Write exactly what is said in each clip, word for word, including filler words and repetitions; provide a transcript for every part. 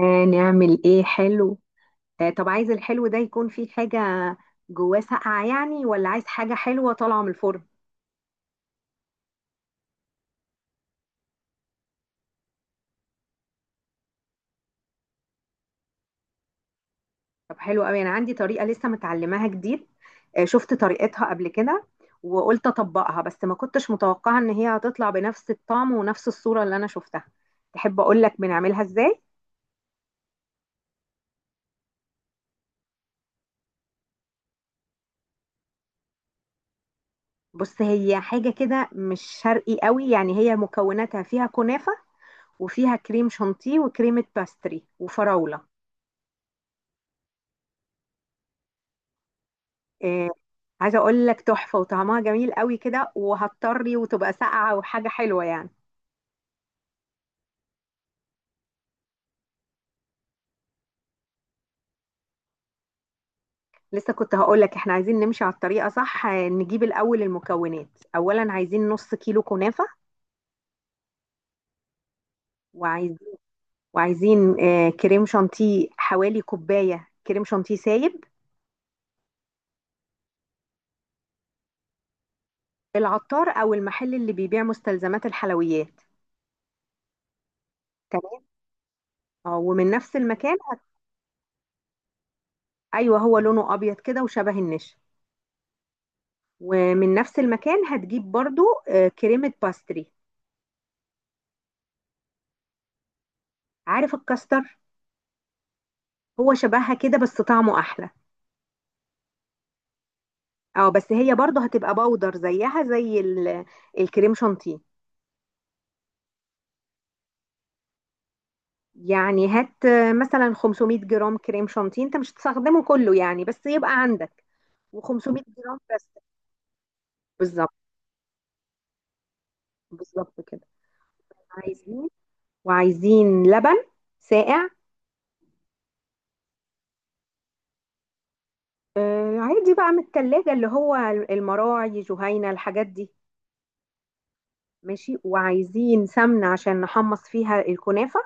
آه، نعمل ايه حلو. آه، طب عايز الحلو ده يكون فيه حاجة جواه ساقعة يعني، ولا عايز حاجة حلوة طالعة من الفرن؟ طب حلو قوي، انا عندي طريقة لسه متعلماها جديد. آه، شفت طريقتها قبل كده وقلت اطبقها، بس ما كنتش متوقعة ان هي هتطلع بنفس الطعم ونفس الصورة اللي انا شفتها. تحب اقول لك بنعملها ازاي؟ بص، هي حاجة كده مش شرقي قوي، يعني هي مكوناتها فيها كنافة وفيها كريم شانتيه وكريمة باستري وفراولة. آه، عايزه اقول لك تحفه، وطعمها جميل قوي كده، وهتطري وتبقى ساقعه وحاجه حلوه يعني. لسه كنت هقول لك احنا عايزين نمشي على الطريقه صح. آه، نجيب الاول المكونات. اولا عايزين نص كيلو كنافه. وعايز وعايزين آه، كريم شانتيه، حوالي كوبايه كريم شانتيه سايب. العطار او المحل اللي بيبيع مستلزمات الحلويات. تمام. اه، ومن نفس المكان هت- ايوه، هو لونه ابيض كده وشبه النشا. ومن نفس المكان هتجيب برضو آه، كريمه باستري. عارف الكاستر؟ هو شبهها كده بس طعمه احلى. اه، بس هي برضه هتبقى باودر زيها زي ال- الكريم شانتيه. يعني هات آه، مثلا خمسمائة جرام كريم شانتيه، انت مش هتستخدمه كله يعني، بس يبقى عندك. و500 جرام بس. بالظبط. بالظبط كده. عايزين، وعايزين لبن ساقع. آه عادي بقى، من التلاجة اللي هو المراعي جهينة، الحاجات دي. ماشي. وعايزين سمنة عشان نحمص فيها الكنافة.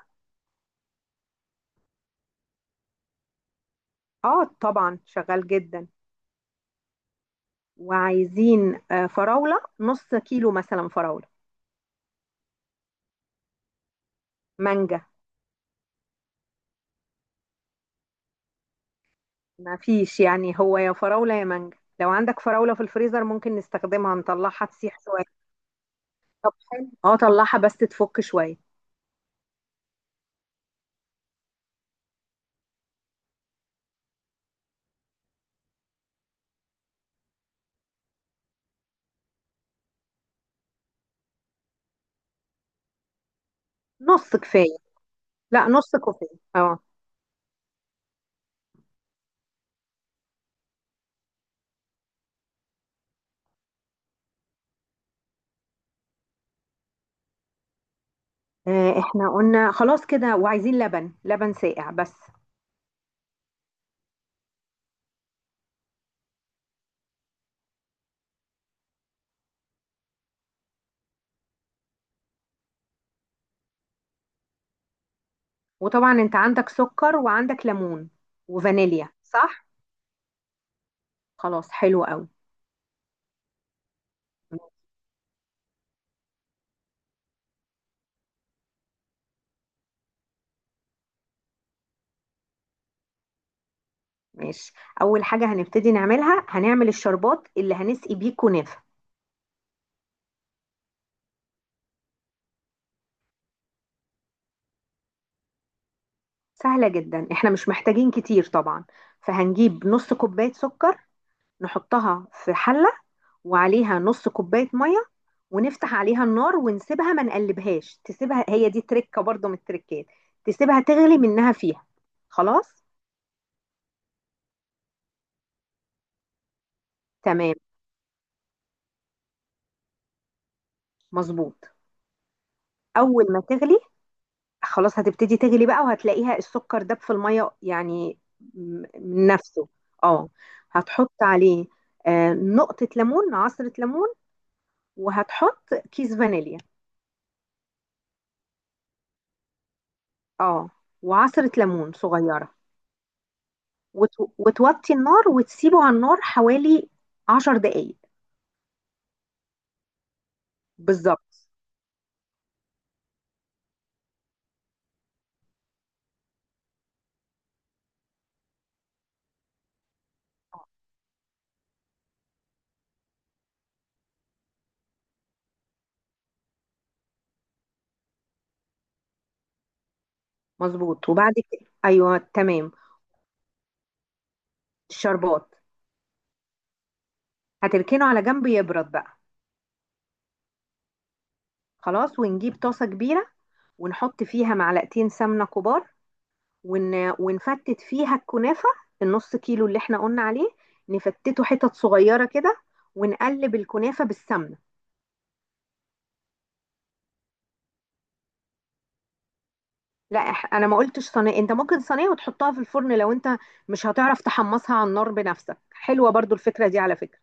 اه طبعا شغال جدا. وعايزين آه، فراولة، نص كيلو مثلا فراولة. مانجا. ما فيش، يعني هو يا فراولة يا مانجا، لو عندك فراولة في الفريزر ممكن نستخدمها، نطلعها تسيح شوية. طب حلو، اه طلعها بس تفك شوية. نص كفاية. لا، نص كوباية. اه. آه، احنا قلنا خلاص كده، وعايزين لبن، لبن ساقع بس. وطبعا انت عندك سكر، وعندك ليمون وفانيليا، صح؟ خلاص، حلو قوي. ماشي. اول حاجة هنبتدي نعملها، هنعمل الشربات اللي هنسقي بيه كنافة. سهلة جدا، احنا مش محتاجين كتير طبعا. فهنجيب نص كوباية سكر، نحطها في حلة، وعليها نص كوباية مية، ونفتح عليها النار ونسيبها، ما نقلبهاش، تسيبها، هي دي تركة برضو من التركات. تسيبها تغلي منها فيها. خلاص. تمام. مظبوط. أول ما تغلي، خلاص هتبتدي تغلي بقى، وهتلاقيها السكر داب في المية يعني. م- من نفسه. اه، هتحط عليه آه، نقطة ليمون، عصرة ليمون، وهتحط كيس فانيليا. اه، وعصرة ليمون صغيرة. وت- وتوطي النار وتسيبه على النار حوالي عشر دقايق. بالظبط. مظبوط، وبعد كده، ايوه تمام. الشربات هتركنه على جنب يبرد بقى. خلاص، ونجيب طاسة كبيرة، ونحط فيها معلقتين سمنة كبار، ون... ونفتت فيها الكنافة، النص كيلو اللي احنا قلنا عليه، نفتته حتت صغيرة كده، ونقلب الكنافة بالسمنة. لا، إح- انا ما قلتش صينيه، انت ممكن صينيه وتحطها في الفرن، لو انت مش هتعرف تحمصها على النار بنفسك. حلوه برضو الفكره دي، على فكره.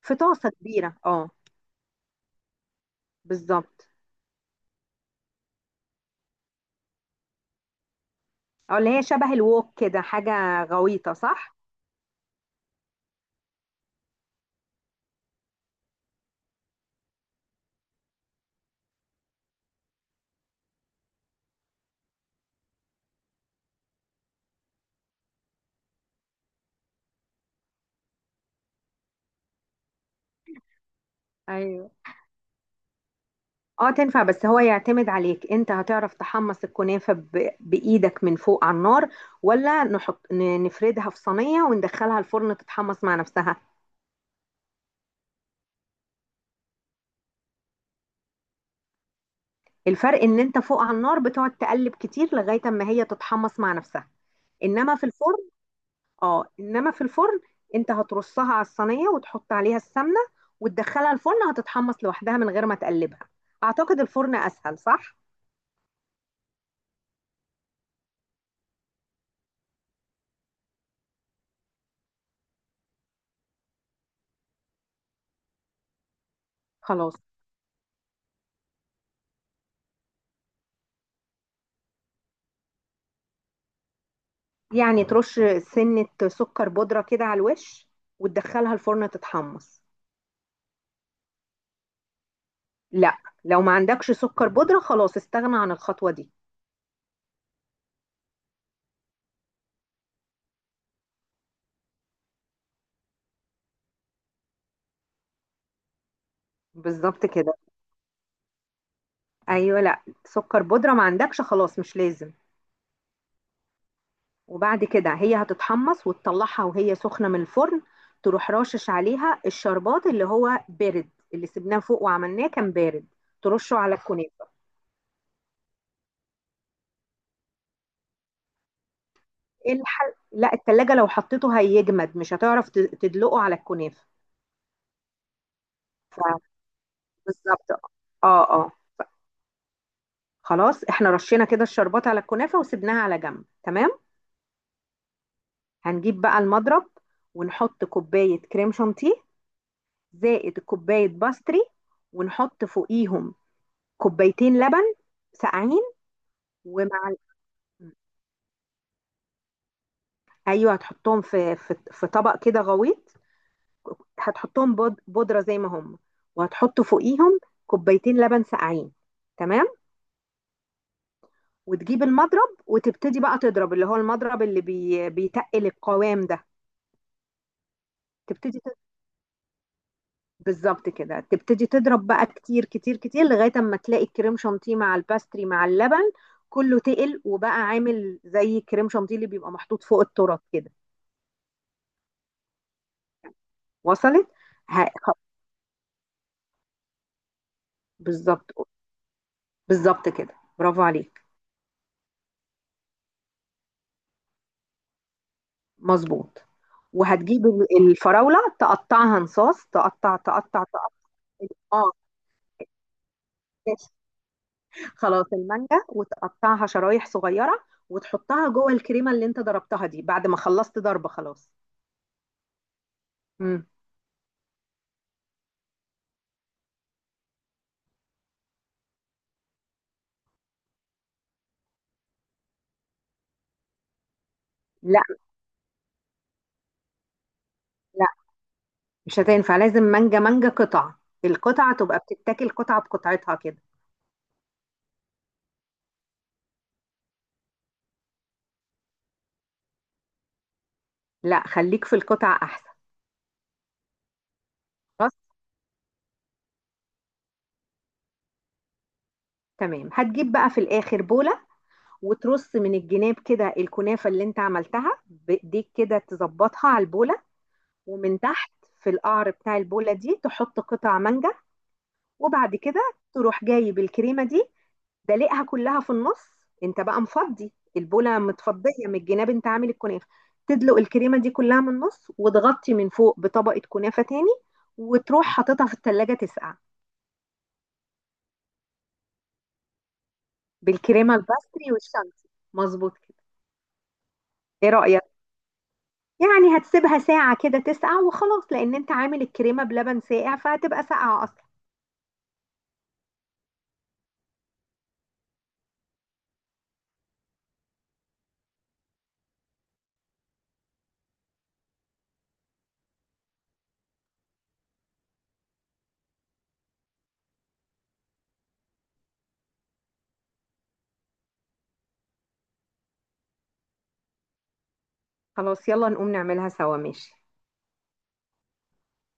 في طاسه كبيره، اه. بالظبط. اه، اللي هي شبه الوok كده، حاجه غويطه صح. ايوه. اه تنفع، بس هو يعتمد عليك انت، هتعرف تحمص الكنافه ب... بايدك من فوق على النار، ولا نحط ن- نفردها في صينيه وندخلها الفرن تتحمص مع نفسها. الفرق ان انت فوق على النار بتقعد تقلب كتير لغايه اما هي تتحمص مع نفسها. انما في الفرن، اه انما في الفرن انت هترصها على الصينيه، وتحط عليها السمنه، وتدخلها الفرن، هتتحمص لوحدها من غير ما تقلبها. اعتقد الفرن اسهل، صح. خلاص، يعني ترش سنه سكر بودره كده على الوش، وتدخلها الفرن تتحمص. لا. لو ما عندكش سكر بودره، خلاص استغنى عن الخطوه دي. بالظبط كده. ايوه، لا سكر بودره، ما عندكش خلاص مش لازم. وبعد كده هي هتتحمص، وتطلعها وهي سخنة من الفرن، تروح راشش عليها الشربات اللي هو بارد، اللي سبناه فوق وعملناه كان بارد، ترشه على الكنافة. الحل... لا، التلاجة لو حطيته هيجمد، مش هتعرف ت- تدلقه على الكنافة. ف- بالظبط. اه، اه. خلاص، احنا رشينا كده الشربات على الكنافة وسبناها على جنب، تمام. هنجيب بقى المضرب، ونحط كوباية كريم شانتيه، زائد كوباية باستري، ونحط فوقيهم كوبايتين لبن ساقعين. ومع ال- ايوه، هتحطهم في في في طبق كده غويط، هتحطهم بود- بودره زي ما هم، وهتحط فوقيهم كوبايتين لبن ساقعين. تمام. وتجيب المضرب وتبتدي بقى تضرب، اللي هو المضرب اللي بي بيتقل القوام ده. تبتدي ت- بالظبط كده، تبتدي تضرب بقى كتير كتير كتير، لغايه اما تلاقي الكريم شانتيه مع الباستري مع اللبن كله تقل، وبقى عامل زي الكريم شانتيه اللي بيبقى محطوط فوق التورت كده. وصلت. ه- خ- بالظبط. بالظبط كده، برافو عليك. مضبوط. وهتجيب ال- الفراولة تقطعها نصاص، تقطع تقطع تقطع. اه. ماشي. خلاص، المانجا وتقطعها شرايح صغيرة وتحطها جوه الكريمة اللي انت ضربتها دي، بعد ما خلصت ضرب خلاص. مم. لا لا، مش هتنفع، لازم مانجا مانجا قطع، القطعة تبقى بتتاكل قطعة بقطعتها كده. لا، خليك في القطع احسن. خلاص. تمام. هتجيب بقى في الاخر بولة، وترص من الجناب كده الكنافة اللي انت عملتها بايديك كده، تظبطها على البولة. ومن تحت في القعر بتاع البولة دي تحط قطع مانجا. وبعد كده تروح جايب الكريمة دي، دلقها كلها في النص. انت بقى مفضي البولة، متفضية من الجناب، انت عامل الكنافة. تدلق الكريمة دي كلها من النص، وتغطي من فوق بطبقة كنافة تاني، وتروح حاططها في التلاجة تسقع. بالكريمة الباستري والشانتي. مظبوط كده. ايه رأيك؟ يعني هتسيبها ساعة كده تسقع وخلاص، لأن انت عامل الكريمة بلبن ساقع فهتبقى ساقعة أصلا. خلاص، يلا نقوم نعملها سوا، ماشي.